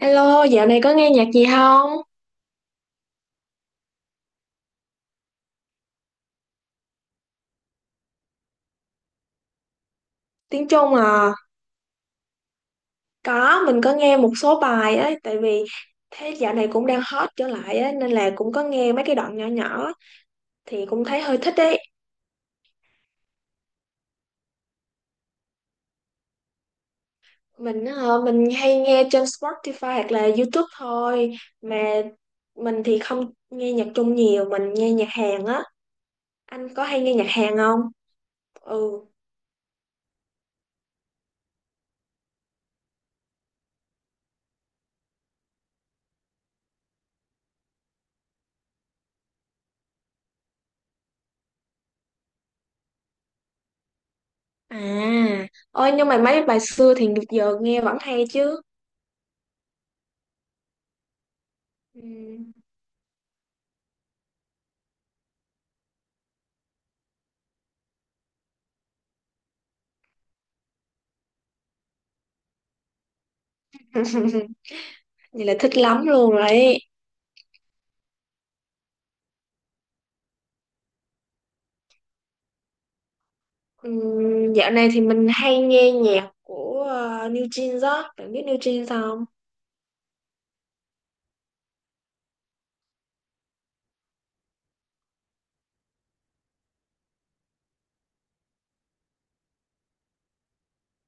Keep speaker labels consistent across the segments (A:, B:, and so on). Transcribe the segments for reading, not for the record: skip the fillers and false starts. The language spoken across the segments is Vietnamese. A: Hello, dạo này có nghe nhạc gì không? Tiếng Trung à? Có, mình có nghe một số bài ấy, tại vì thế dạo này cũng đang hot trở lại á, nên là cũng có nghe mấy cái đoạn nhỏ nhỏ thì cũng thấy hơi thích ấy. Mình hay nghe trên Spotify hoặc là YouTube thôi, mà mình thì không nghe nhạc Trung nhiều, mình nghe nhạc Hàn á. Anh có hay nghe nhạc Hàn không? Ừ. À, ôi nhưng mà mấy bài xưa thì giờ nghe vẫn hay chứ. Ừ. Vậy là thích lắm luôn rồi. Dạo này thì mình hay nghe nhạc của New Jeans đó, bạn biết New Jeans không?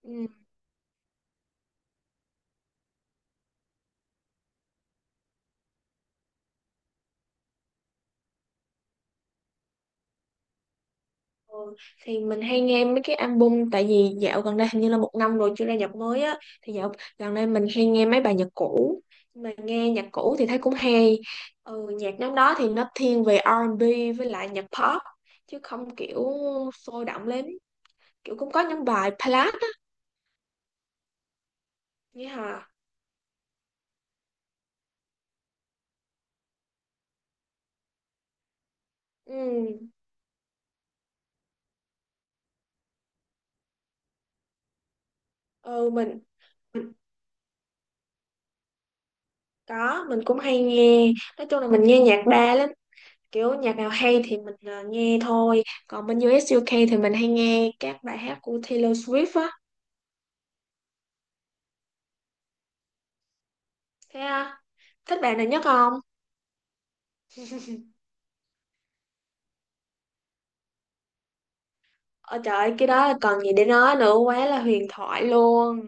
A: Ừm, ừ. Thì mình hay nghe mấy cái album, tại vì dạo gần đây hình như là một năm rồi chưa ra nhạc mới á, thì dạo gần đây mình hay nghe mấy bài nhạc cũ. Nhưng mà nghe nhạc cũ thì thấy cũng hay. Ừ, nhạc nhóm đó thì nó thiên về R&B với lại nhạc pop, chứ không kiểu sôi động lắm, kiểu cũng có những bài ballad á. Nghĩa hả? Ừ. Ừ, mình có, mình cũng hay nghe, nói chung là mình nghe nhạc đa lắm, kiểu nhạc nào hay thì mình nghe thôi. Còn bên U.S. u UK thì mình hay nghe các bài hát của Taylor Swift á. Thế à, thích bài nào nhất không? Ôi trời, ơi, cái đó còn gì để nói nữa, quá là huyền thoại luôn.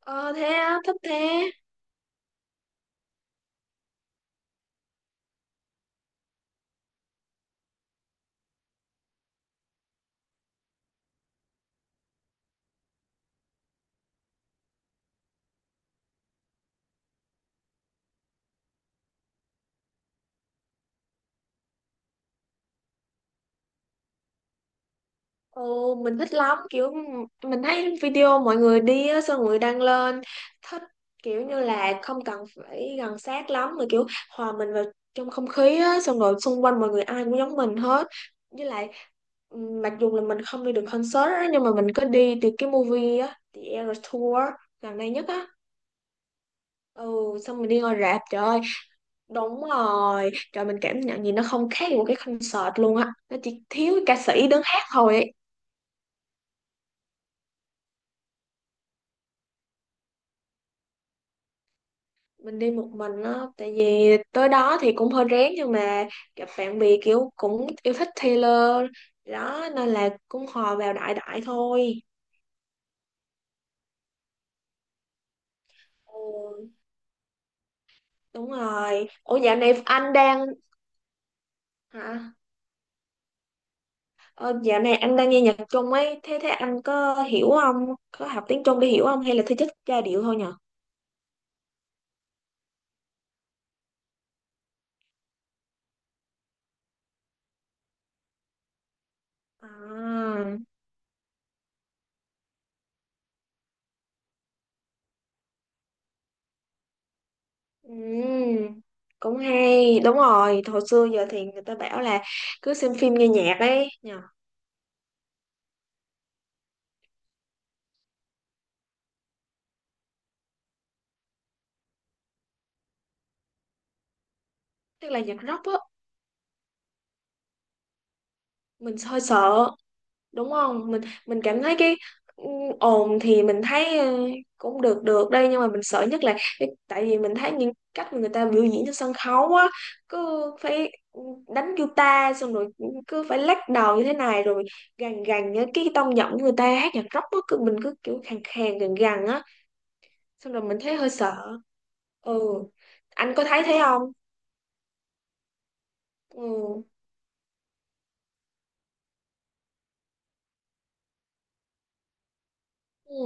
A: Ờ thế á, thích thế. Ồ, mình thích lắm, kiểu mình thấy video mọi người đi á, xong mọi người đăng lên, thích kiểu như là không cần phải gần sát lắm mà kiểu hòa mình vào trong không khí á, xong rồi xung quanh mọi người ai cũng giống mình hết. Với lại mặc dù là mình không đi được concert á, nhưng mà mình có đi từ cái movie á, The Eras Tour gần đây nhất á. Ừ, xong mình đi ngồi rạp, trời ơi, đúng rồi, trời, mình cảm nhận gì nó không khác gì một cái concert luôn á, nó chỉ thiếu ca sĩ đứng hát thôi ấy. Mình đi một mình á, tại vì tới đó thì cũng hơi rén, nhưng mà gặp bạn bè kiểu cũng yêu thích Taylor đó, nên là cũng hòa vào đại đại thôi. Ừ, đúng rồi. Ủa dạo này anh đang, hả? Ờ, Dạo này anh đang nghe nhạc Trung ấy, thế thế anh có hiểu không, có học tiếng Trung để hiểu không hay là thứ chất giai điệu thôi nhở? À, ừm, cũng hay. Đúng rồi, hồi xưa giờ thì người ta bảo là cứ xem phim nghe nhạc ấy nhở. Tức là nhạc rock á, mình hơi sợ. Đúng không? Mình cảm thấy cái ừ, ồn thì mình thấy cũng được được đây, nhưng mà mình sợ nhất là cái- tại vì mình thấy những cách mà người ta biểu diễn trên sân khấu á, cứ phải đánh guitar, xong rồi cứ phải lắc đầu như thế này, rồi gằn gằn á, cái tông giọng của người ta hát nhạc rock á cứ mình cứ kiểu khàn khàn gằn gằn á, xong rồi mình thấy hơi sợ. Ừ, anh có thấy thế không? Ừ, ừ,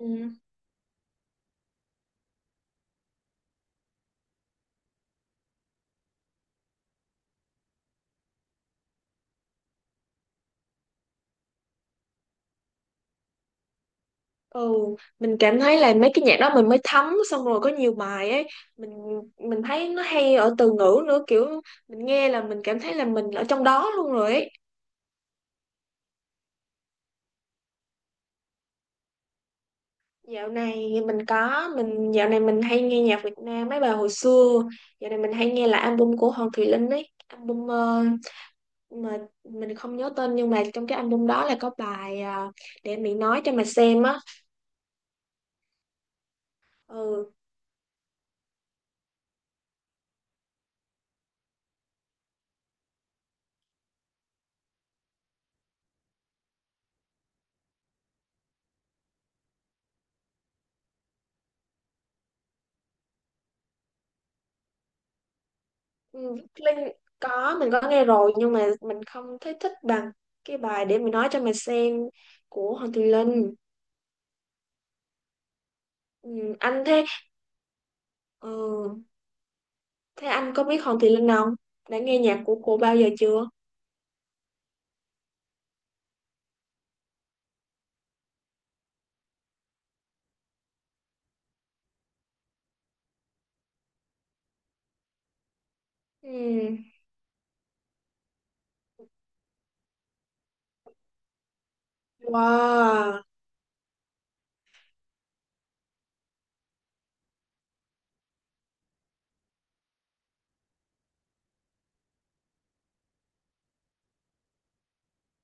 A: ừ. Ừ, mình cảm thấy là mấy cái nhạc đó mình mới thấm, xong rồi có nhiều bài ấy, mình thấy nó hay ở từ ngữ nữa, kiểu mình nghe là mình cảm thấy là mình ở trong đó luôn rồi ấy. Dạo này mình có, dạo này mình hay nghe nhạc Việt Nam mấy bài hồi xưa. Dạo này mình hay nghe là album của Hoàng Thùy Linh ấy, album mà mình không nhớ tên, nhưng mà trong cái album đó là có bài để mình nói cho mà xem á. Ừ. Ừ, Linh, có, mình có nghe rồi, nhưng mà mình không thấy thích bằng cái bài Để Mình Nói Cho Mày Xem của Hoàng Thùy Linh. Ừ, anh thế. Ừ, thế anh có biết Hoàng Thùy Linh không, đã nghe nhạc của cô bao giờ chưa? Ừ. Wow.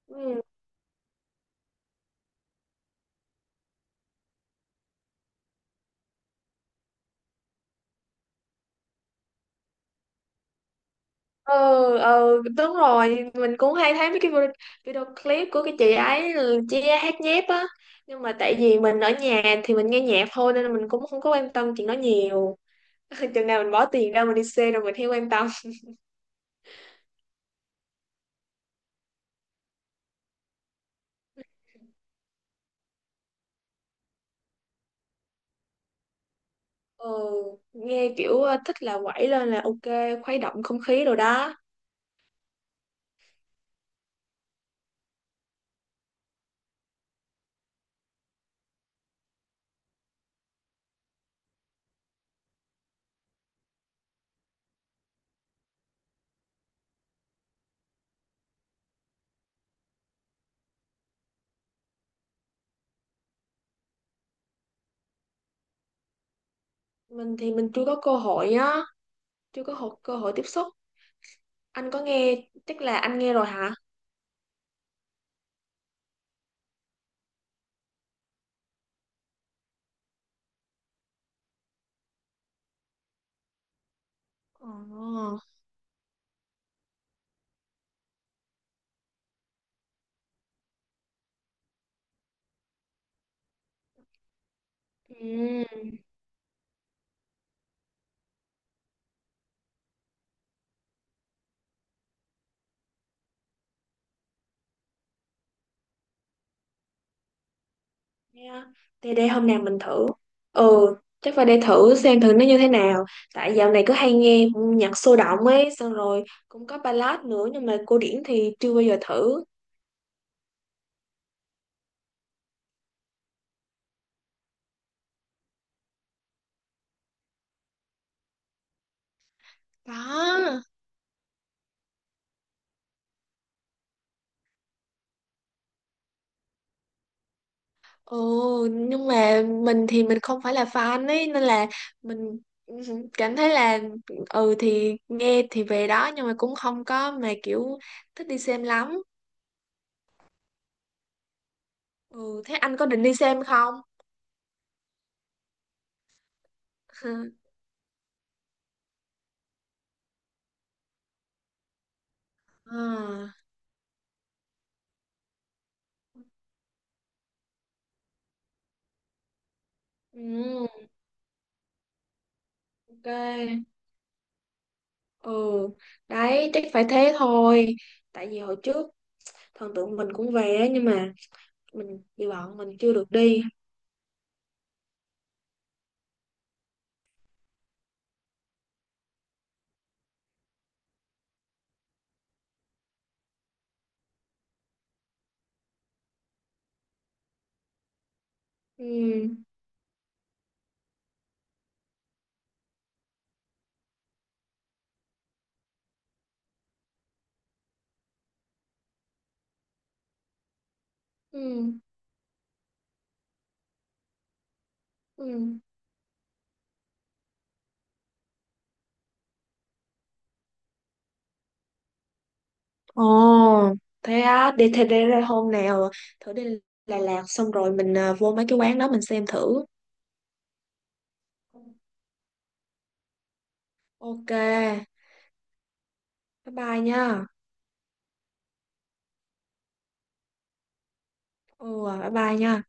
A: Ừ. Ừ ừ, đúng rồi, mình cũng hay thấy mấy cái video, video clip của cái chị ấy, chị ấy hát nhép á, nhưng mà tại vì mình ở nhà thì mình nghe nhạc thôi, nên là mình cũng không có quan tâm chuyện đó nhiều. Chừng nào mình bỏ tiền ra mình đi xe rồi mình theo quan tâm. Ờ, nghe kiểu thích là quẩy lên là ok, khuấy động không khí rồi đó. Mình thì mình chưa có cơ hội á, chưa có hộ- cơ hội tiếp xúc, anh có nghe, chắc là anh nghe rồi hả? Ồ. Ừm, yeah. Thì để hôm nào mình thử. Ừ, chắc phải để thử xem thử nó như thế nào, tại dạo này cứ hay nghe nhạc sôi động ấy, xong rồi cũng có ballad nữa, nhưng mà cổ điển thì chưa bao giờ thử. Đó. Ừ, nhưng mà mình thì mình không phải là fan ấy, nên là mình cảm thấy là ừ thì nghe thì về đó, nhưng mà cũng không có mà kiểu thích đi xem lắm. Ừ, thế anh có định đi xem không? À, ừ, ok. Ừ, đấy, chắc phải thế thôi. Tại vì hồi trước thần tượng mình cũng về á, nhưng mà mình vì bọn mình chưa được đi. Ừ, ừ, ừ. Ồ, thế á, đi thế để ra hôm nào thử đi Đà Lạt, xong rồi mình vô mấy cái quán đó mình xem thử. Ok, bye bye nha. Ừ, à, bye bye nha.